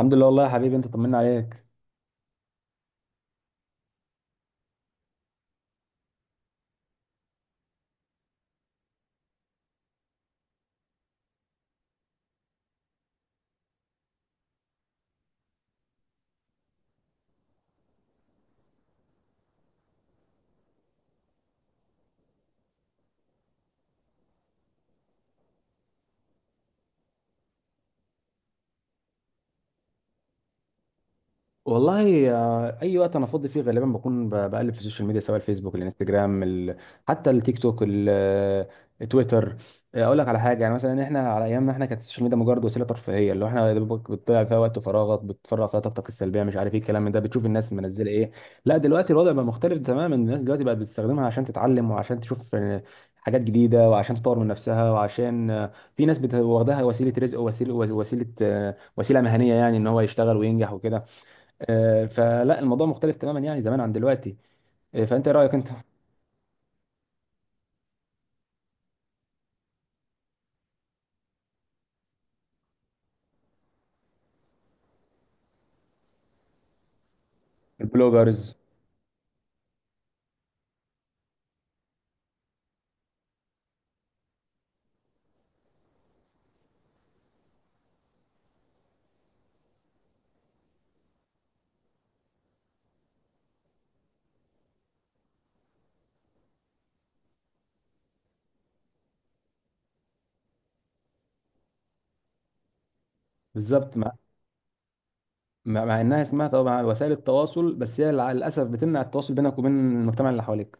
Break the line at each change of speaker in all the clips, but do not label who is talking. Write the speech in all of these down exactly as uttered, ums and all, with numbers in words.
الحمد لله والله يا حبيبي، انت طمنا عليك والله آه، اي وقت انا فاضي فيه غالبا بكون ب- بقلب في السوشيال ميديا، سواء الفيسبوك، الانستجرام، ال... حتى التيك توك، ال- آه، التويتر. آه، اقول لك على حاجه، يعني مثلا احنا على ايامنا، احنا كانت السوشيال ميديا مجرد وسيله ترفيهيه، اللي هو احنا يا دوبك بتضيع فيها وقت فراغك، بتفرغ فيها طاقتك السلبيه، مش عارف ايه الكلام من ده، بتشوف الناس منزله ايه. لا دلوقتي الوضع بقى مختلف تماما، الناس دلوقتي بقت بتستخدمها عشان تتعلم، وعشان تشوف آه، حاجات جديده، وعشان تطور من نفسها، وعشان آه، في ناس بت- واخداها وسيله رزق، وسيله وسيله آه، وسيله مهنيه، يعني ان هو يشتغل وينجح وكده. آه، فلا الموضوع مختلف تماما يعني زمان عن دلوقتي. آه، فانت ايه رايك انت؟ البلوجرز. بالظبط، مع مع مع انها اسمها طبعا وسائل التواصل، بس هي للاسف بتمنع التواصل بينك وبين المجتمع اللي حواليك.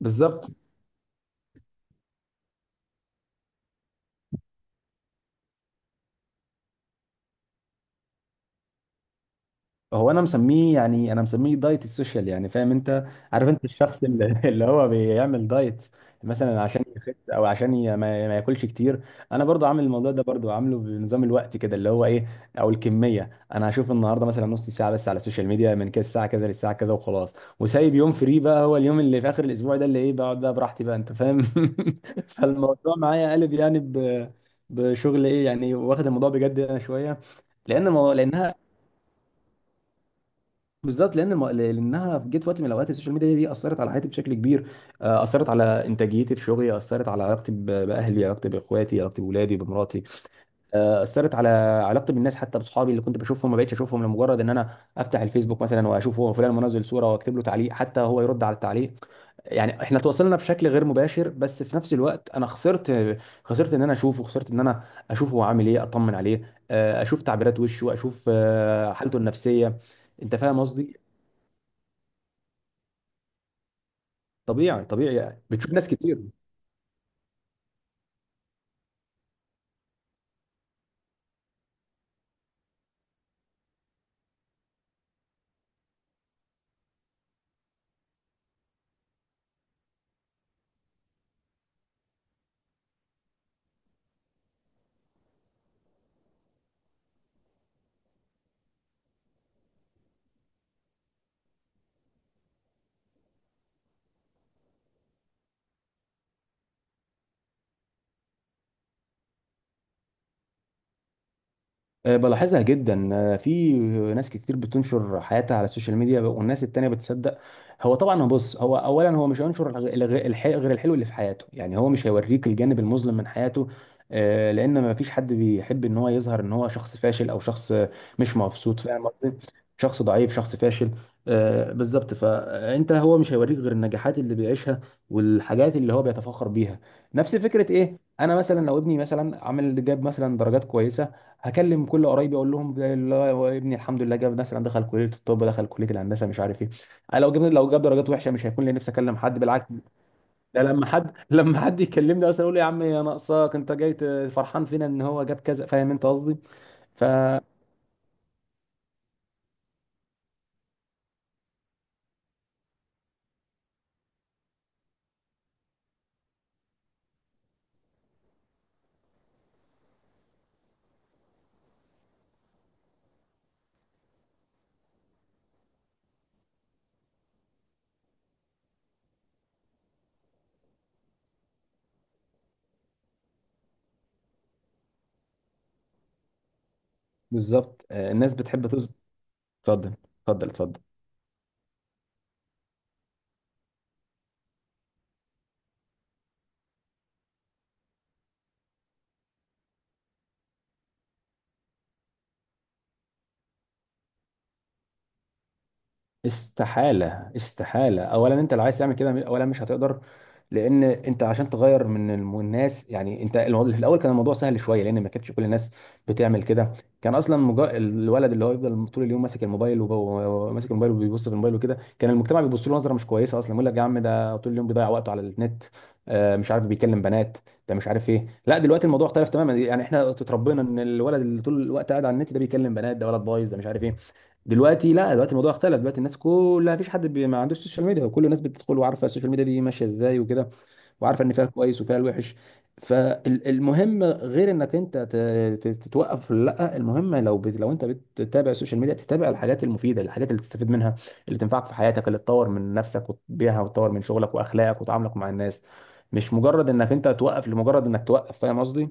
بالظبط. هو انا مسميه، يعني انا مسميه دايت السوشيال، يعني فاهم انت؟ عارف انت الشخص اللي اللي هو بيعمل دايت مثلا عشان يخس، او عشان ي- ما ما ياكلش كتير؟ انا برضو عامل الموضوع ده، برضو عامله بنظام الوقت كده، اللي هو ايه او الكميه. انا هشوف النهارده مثلا نص ساعه بس على السوشيال ميديا، من كده الساعه كذا للساعه كذا وخلاص، وسايب يوم فري بقى، هو اليوم اللي في اخر الاسبوع ده، اللي ايه بقعد بقى براحتي بقى، انت فاهم؟ فالموضوع معايا قلب يعني، ب بشغل ايه يعني، واخد الموضوع بجد انا شويه. لان المو... لانها بالظبط لان الم... لانها جت في وقت من الاوقات، السوشيال ميديا دي اثرت على حياتي بشكل كبير. آه، اثرت على انتاجيتي في شغلي، اثرت على علاقتي ب... باهلي، علاقتي باخواتي، علاقتي باولادي، بمراتي. آه، اثرت على علاقتي بالناس، حتى بصحابي اللي كنت بشوفهم ما بقتش اشوفهم، لمجرد ان انا افتح الفيسبوك مثلا واشوف هو فلان منزل صوره واكتب له تعليق، حتى هو يرد على التعليق، يعني احنا تواصلنا بشكل غير مباشر، بس في نفس الوقت انا خسرت. خسرت ان انا اشوفه، خسرت ان انا اشوفه هو عامل ايه، اطمن عليه. آه، اشوف تعبيرات وشه، اشوف آه، حالته النفسيه. انت فاهم قصدي؟ طبيعي طبيعي يعني. بتشوف ناس كتير. آه، بلاحظها جدا، آه، في ناس كتير بتنشر حياتها على السوشيال ميديا والناس التانية بتصدق. هو طبعا، هو بص، هو اولا هو مش هينشر الغ- الغ- الح- غير الحلو اللي في حياته، يعني هو مش هيوريك الجانب المظلم من حياته. آه، لان ما فيش حد بيحب ان هو يظهر ان هو شخص فاشل، او شخص آه، مش مبسوط، فاهم قصدي؟ شخص ضعيف، شخص فاشل. آه، بالظبط. فانت هو مش هيوريك غير النجاحات اللي بيعيشها والحاجات اللي هو بيتفاخر بيها. نفس فكرة ايه، انا مثلا لو ابني مثلا عامل، جاب مثلا درجات كويسة، هكلم كل قرايبي اقول لهم ده اللي هو ابني، الحمد لله جاب مثلا، دخل كليه الطب، دخل كليه الهندسه، مش عارف ايه. انا لو جبنا، لو جاب درجات وحشه، مش هيكون لي نفسي اكلم حد، بالعكس، ده لما حد لما حد يكلمني اصلا اقول له يا عم يا ناقصاك، انت جاي ت- فرحان فينا ان هو جاب كذا، فاهم انت قصدي؟ ف بالظبط. آه، الناس بتحب تز. اتفضل اتفضل اتفضل. استحالة. استحالة. أولا أنت اللي عايز تعمل كده، أولا مش هتقدر، لأن أنت عشان تغير من الم- الناس، يعني أنت الموضوع في الأول كان الموضوع سهل شوية، لأن ما كانتش كل الناس بتعمل كده. كان أصلا مجا... الولد اللي هو يفضل طول اليوم ماسك الموبايل، وب... وماسك الموبايل وبيبص في الموبايل وكده، كان المجتمع بيبص له نظرة مش كويسة أصلا، يقول لك يا عم ده طول اليوم بيضيع وقته على النت، آه، مش عارف بيكلم بنات، ده مش عارف ايه. لا دلوقتي الموضوع اختلف تماما، يعني احنا اتربينا ان الولد اللي طول الوقت قاعد على النت ده بيكلم بنات، ده ولد بايظ، ده مش عارف ايه. دلوقتي لا، دلوقتي الموضوع اختلف، دلوقتي الناس كلها مفيش حد بي... ما عندوش سوشيال ميديا، وكل الناس بتدخل وعارفه السوشيال ميديا دي ماشيه ازاي وكده، وعارفه ان فيها الكويس وفيها الوحش. فالمهم غير انك انت ت... ت- تتوقف، لا، المهم لو بت... لو انت بتتابع السوشيال ميديا، تتابع الحاجات المفيده، الحاجات اللي تستفيد منها، اللي تنفعك في حياتك، اللي تطور من نفسك وتبيعها، وتطور من شغلك واخلاقك وتعاملك مع الناس، مش مجرد انك انت توقف لمجرد انك توقف، فاهم قصدي؟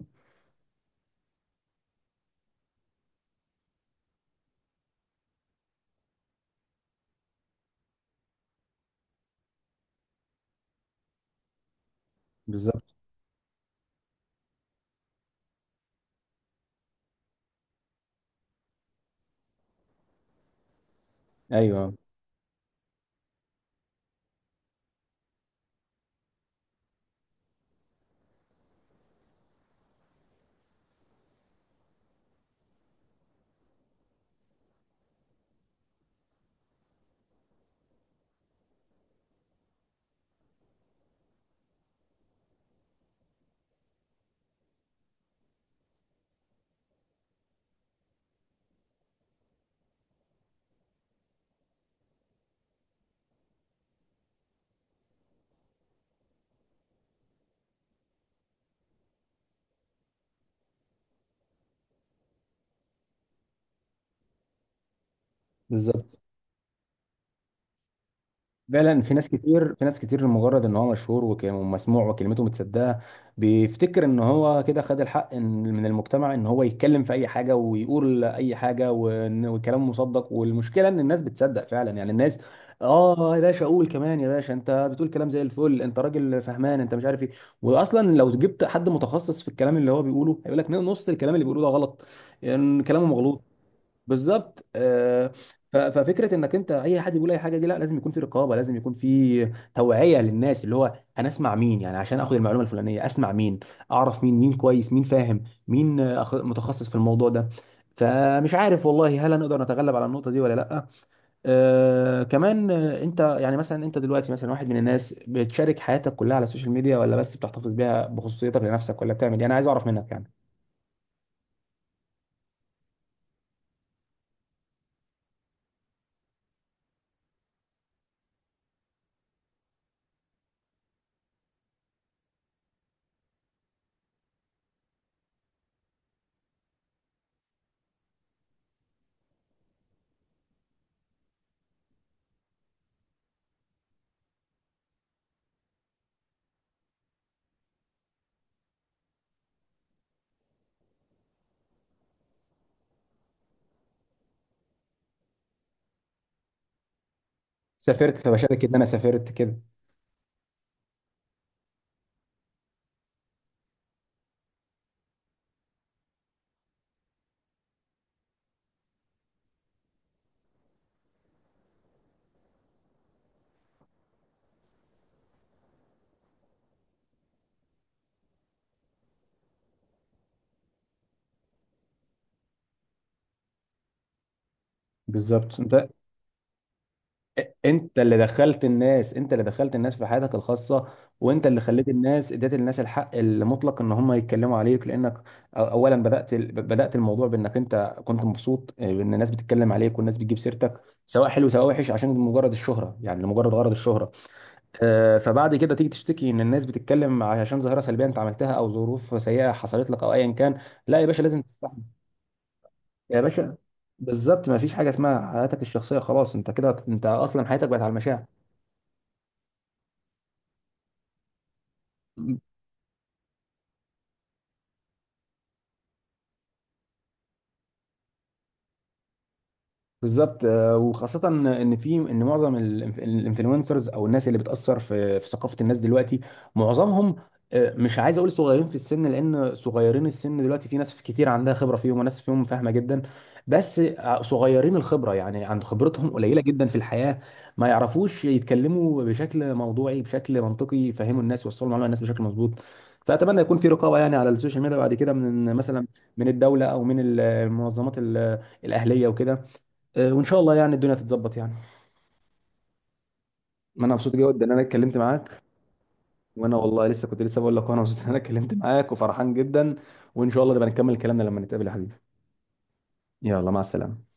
بالظبط. ايوه، بالظبط. فعلا في ناس كتير، في ناس كتير لمجرد ان هو مشهور وك- ومسموع وكلمته متسدها، بيفتكر ان هو كده خد الحق إن- من المجتمع ان هو يتكلم في اي حاجه ويقول اي حاجه، وإن- والكلام مصدق، والمشكله ان الناس بتصدق فعلا، يعني الناس اه يا باشا قول كمان يا باشا، انت بتقول كلام زي الفل، انت راجل فهمان، انت مش عارف ايه. واصلا لو جبت حد متخصص في الكلام اللي هو بيقوله، هيقول لك نص الكلام اللي بيقوله ده غلط، يعني كلامه مغلوط. بالظبط. آه، ف- ففكره انك انت اي حد بيقول اي حاجه دي، لا، لازم يكون في رقابه، لازم يكون في توعيه للناس، اللي هو انا اسمع مين يعني عشان اخد المعلومه الفلانيه، اسمع مين، اعرف مين، مين كويس، مين فاهم، مين آه، أخ- متخصص في الموضوع ده. فمش عارف والله هل هنقدر نتغلب على النقطه دي ولا لا. آه كمان، آه، انت يعني مثلا انت دلوقتي مثلا واحد من الناس بتشارك حياتك كلها على السوشيال ميديا، ولا بس بتحتفظ بيها بخصوصيتك لنفسك، ولا بتعمل ايه؟ انا عايز اعرف منك يعني. سافرت فبشارك ان انا سافرت كده. بالظبط. انت، انت اللي دخلت الناس انت اللي دخلت الناس في حياتك الخاصه، وانت اللي خليت الناس، اديت الناس الحق المطلق ان هم يتكلموا عليك، لانك اولا بدات بدات الموضوع بانك انت كنت مبسوط ان الناس بتتكلم عليك، والناس بتجيب سيرتك، سواء حلو سواء وحش، عشان مجرد الشهره، يعني لمجرد غرض الشهره. آه، فبعد كده تيجي تشتكي ان الناس بتتكلم، عشان ظاهره سلبيه انت عملتها، او ظروف سيئه حصلت لك، او ايا كان. لا يا باشا، لازم تستحمل يا باشا. بالظبط، ما فيش حاجه اسمها حياتك الشخصيه، خلاص، انت كده انت اصلا حياتك بقت على المشاعر. بالظبط. آه، وخاصة ان في، ان معظم ال- الانفلونسرز او الناس اللي بتأثر في في ثقافة الناس دلوقتي، معظمهم آه، مش عايز اقول صغيرين في السن، لان صغيرين السن دلوقتي في ناس كتير عندها خبرة فيهم، وناس فيهم فاهمة جدا، بس آه، صغيرين الخبرة يعني، عند خبرتهم قليلة جدا في الحياة، ما يعرفوش يتكلموا بشكل موضوعي، بشكل منطقي، يفهموا الناس، يوصلوا المعلومة للناس بشكل مظبوط. فأتمنى يكون في رقابة يعني على السوشيال ميديا بعد كده، من مثلا من الدولة، او من المنظمات ال- آه، الأهلية وكده. آه، وان شاء الله يعني الدنيا تتظبط يعني. ما انا مبسوط جدا ان انا اتكلمت معاك، وانا والله لسه كنت لسه بقول لك، وانا مبسوط ان انا اتكلمت معاك وفرحان جدا. وان شاء الله نبقى نكمل كلامنا لما نتقابل يا حبيبي. يلا، مع السلامة.